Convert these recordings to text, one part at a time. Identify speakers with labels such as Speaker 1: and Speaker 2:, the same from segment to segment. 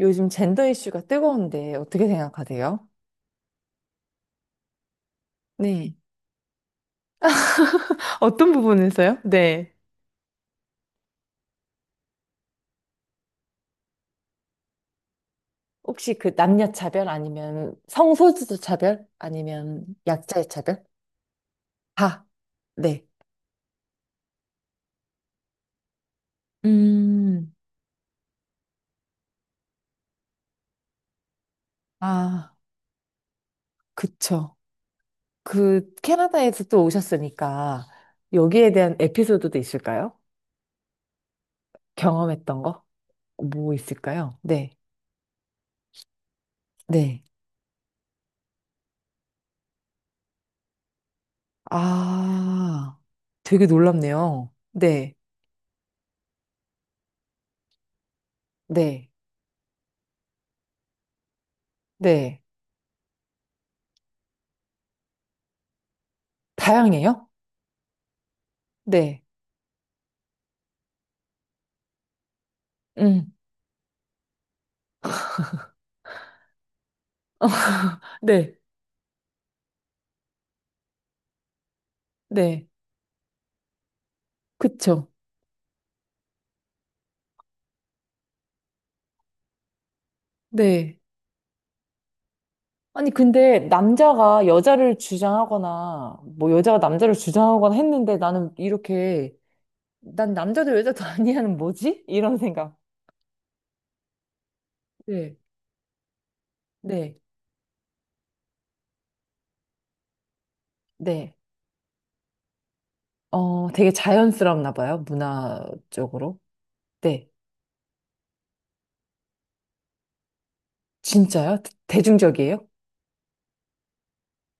Speaker 1: 요즘 젠더 이슈가 뜨거운데 어떻게 생각하세요? 네. 어떤 부분에서요? 네. 혹시 그 남녀 차별 아니면 성소수자 차별 아니면 약자의 차별? 다. 네. 음, 아, 그쵸. 그 캐나다에서 또 오셨으니까 여기에 대한 에피소드도 있을까요? 경험했던 거? 뭐 있을까요? 네. 네. 아, 되게 놀랍네요. 네. 네. 네. 다양해요? 네. 응. 네, 네. 그쵸. 네. 아니, 근데 남자가 여자를 주장하거나, 뭐 여자가 남자를 주장하거나 했는데 나는 이렇게, 난 남자도 여자도 아니야는 뭐지? 이런 생각. 네, 네, 네. 어, 되게 자연스럽나 봐요, 문화적으로. 네. 진짜요? 대중적이에요?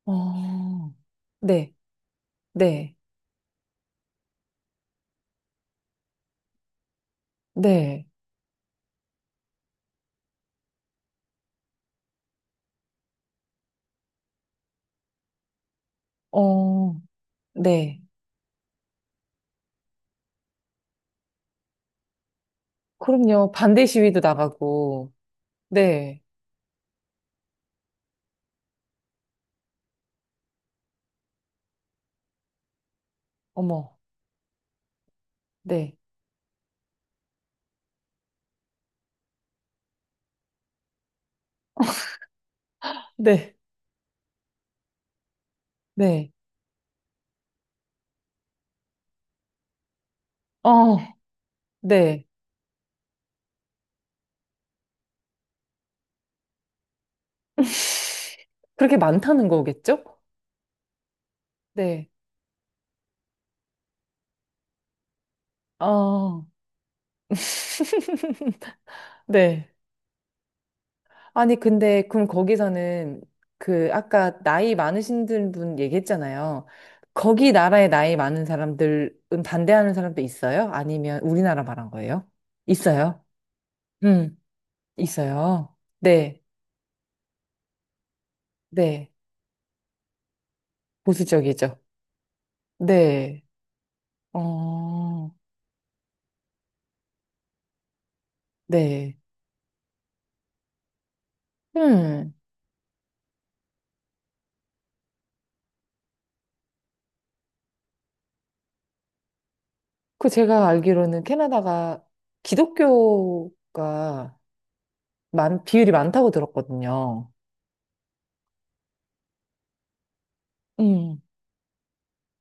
Speaker 1: 어, 네, 네, 네. 어, 네. 그럼요. 반대 시위도 나가고, 네. 어머, 네, 네, 네, 어, 네. 그렇게 많다는 거겠죠? 네, 어, 네. 아니, 근데, 그럼 거기서는 그, 아까 나이 많으신 분 얘기했잖아요. 거기 나라에 나이 많은 사람들은 반대하는 사람도 있어요? 아니면 우리나라 말한 거예요? 있어요? 음, 있어요. 네, 네. 보수적이죠. 네, 어, 네. 음. 그 제가 알기로는 캐나다가 기독교가 많, 비율이 많다고 들었거든요. 음,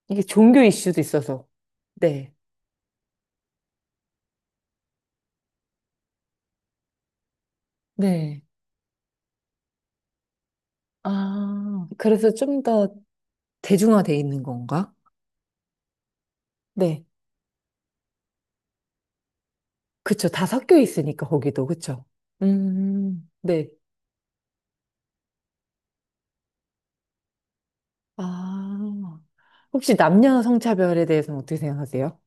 Speaker 1: 이게 종교 이슈도 있어서. 네. 네. 아, 그래서 좀 더 대중화돼 있는 건가? 네. 그쵸. 다 섞여 있으니까, 거기도. 그쵸. 네. 아. 혹시 남녀 성차별에 대해서는 어떻게 생각하세요?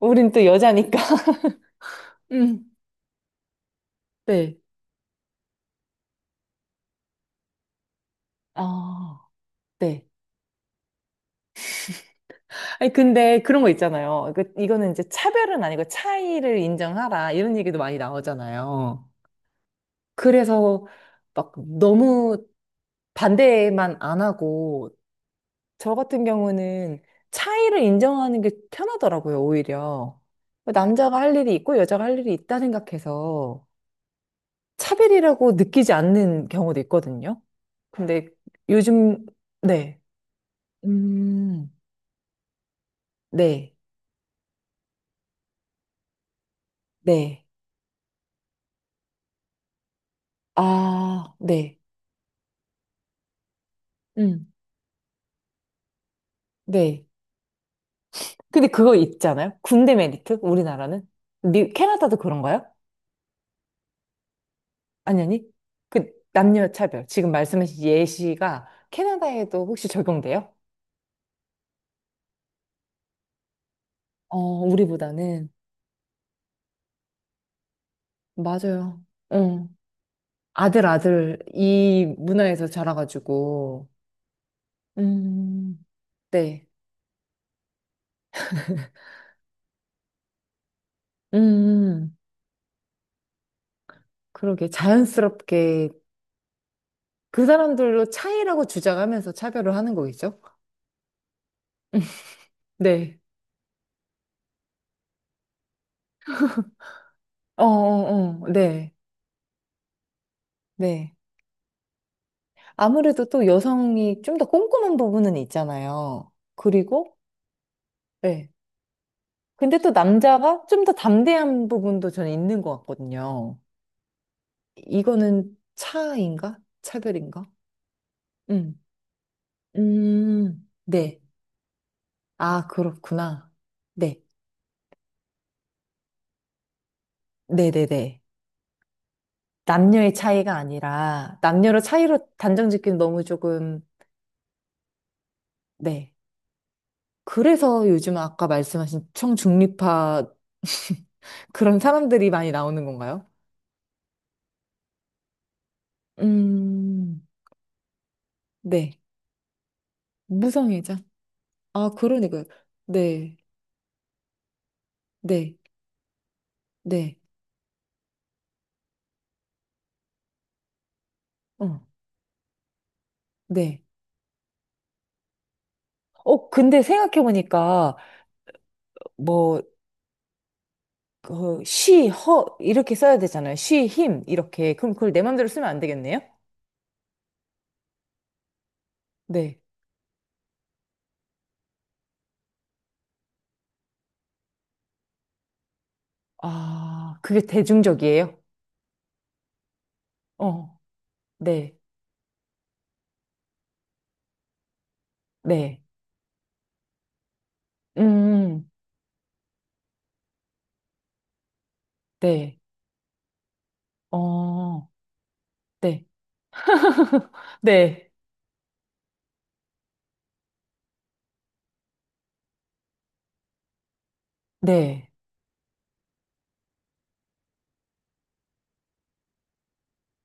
Speaker 1: 우린 또 여자니까. 음. 네. 아, 네. 아니, 근데 그런 거 있잖아요. 이거는 이제 차별은 아니고 차이를 인정하라. 이런 얘기도 많이 나오잖아요. 그래서 막 너무 반대만 안 하고, 저 같은 경우는 차이를 인정하는 게 편하더라고요, 오히려. 남자가 할 일이 있고 여자가 할 일이 있다 생각해서 차별이라고 느끼지 않는 경우도 있거든요. 근데 요즘, 네. 음, 네, 네. 아, 네. 음, 네. 근데 그거 있잖아요. 군대 메리트? 우리나라는? 미, 캐나다도 그런가요? 아니, 아니. 그 남녀 차별. 지금 말씀하신 예시가 캐나다에도 혹시 적용돼요? 어, 우리보다는. 맞아요. 응. 아들, 아들, 이 문화에서 자라가지고, 음, 네. 음, 그러게. 자연스럽게 그 사람들로 차이라고 주장하면서 차별을 하는 거겠죠? 네. 어, 어, 어. 네. 네. 아무래도 또 여성이 좀 더 꼼꼼한 부분은 있잖아요. 그리고, 예. 근데 또 남자가 좀 더 담대한 부분도 저는 있는 것 같거든요. 이거는 차인가? 차별인가? 음. 네. 아, 그렇구나. 네. 네네네. 남녀의 차이가 아니라, 남녀로 차이로 단정 짓기는 너무 조금, 네. 그래서 요즘 아까 말씀하신 청중립파 그런 사람들이 많이 나오는 건가요? 음, 네. 무성애자. 아, 그러네. 그, 네, 네, 네, 어, 네. 어, 근데 생각해보니까, 뭐, 그, she, her, 이렇게 써야 되잖아요. she, him, 이렇게. 그럼 그걸 내 맘대로 쓰면 안 되겠네요? 네. 아, 그게 대중적이에요? 어, 네, 네. 음, 네, 어, 네, 네, 네,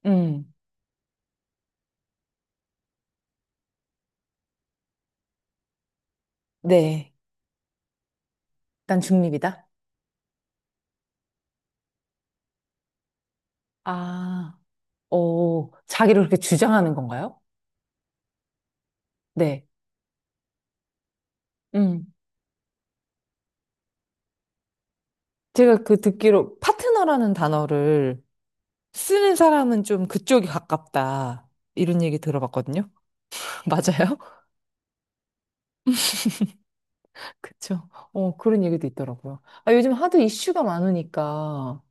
Speaker 1: 음, 네. 난 중립이다. 아, 오, 자기를 그렇게 주장하는 건가요? 네. 음. 제가 그 듣기로 파트너라는 단어를 쓰는 사람은 좀 그쪽이 가깝다. 이런 얘기 들어봤거든요. 맞아요? 그쵸. 어, 그런 얘기도 있더라고요. 아, 요즘 하도 이슈가 많으니까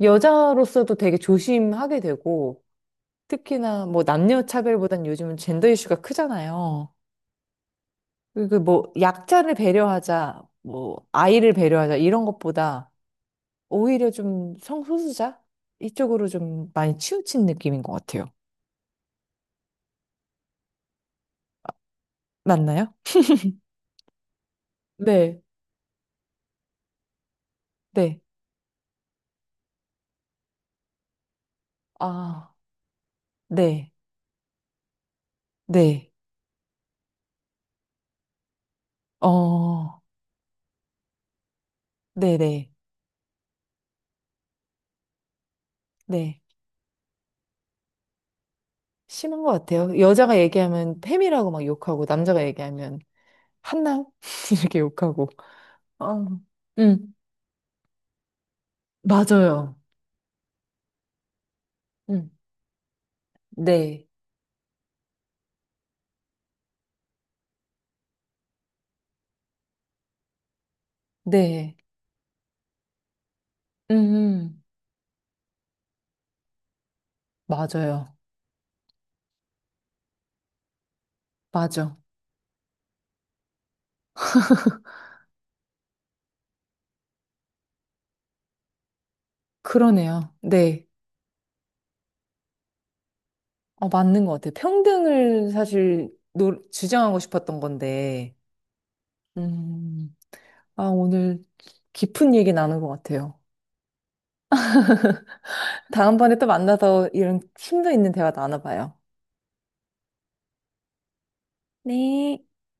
Speaker 1: 여자로서도 되게 조심하게 되고 특히나 뭐 남녀 차별보단 요즘은 젠더 이슈가 크잖아요. 그리고 뭐 약자를 배려하자, 뭐 아이를 배려하자 이런 것보다 오히려 좀 성소수자? 이쪽으로 좀 많이 치우친 느낌인 것 같아요. 맞나요? 네, 네. 아, 네, 네. 어, 네네, 네. 심한 것 같아요. 여자가 얘기하면 팸이라고 막 욕하고, 남자가 얘기하면 한남? 이렇게 욕하고. 어, 음, 맞아요. 음, 네, 네. 음, 음, 맞아요. 맞아. 그러네요. 네. 어, 맞는 것 같아요. 평등을 사실 노, 주장하고 싶었던 건데, 음, 아, 오늘 깊은 얘기 나눈 것 같아요. 다음번에 또 만나서 이런 힘도 있는 대화 나눠봐요. 네.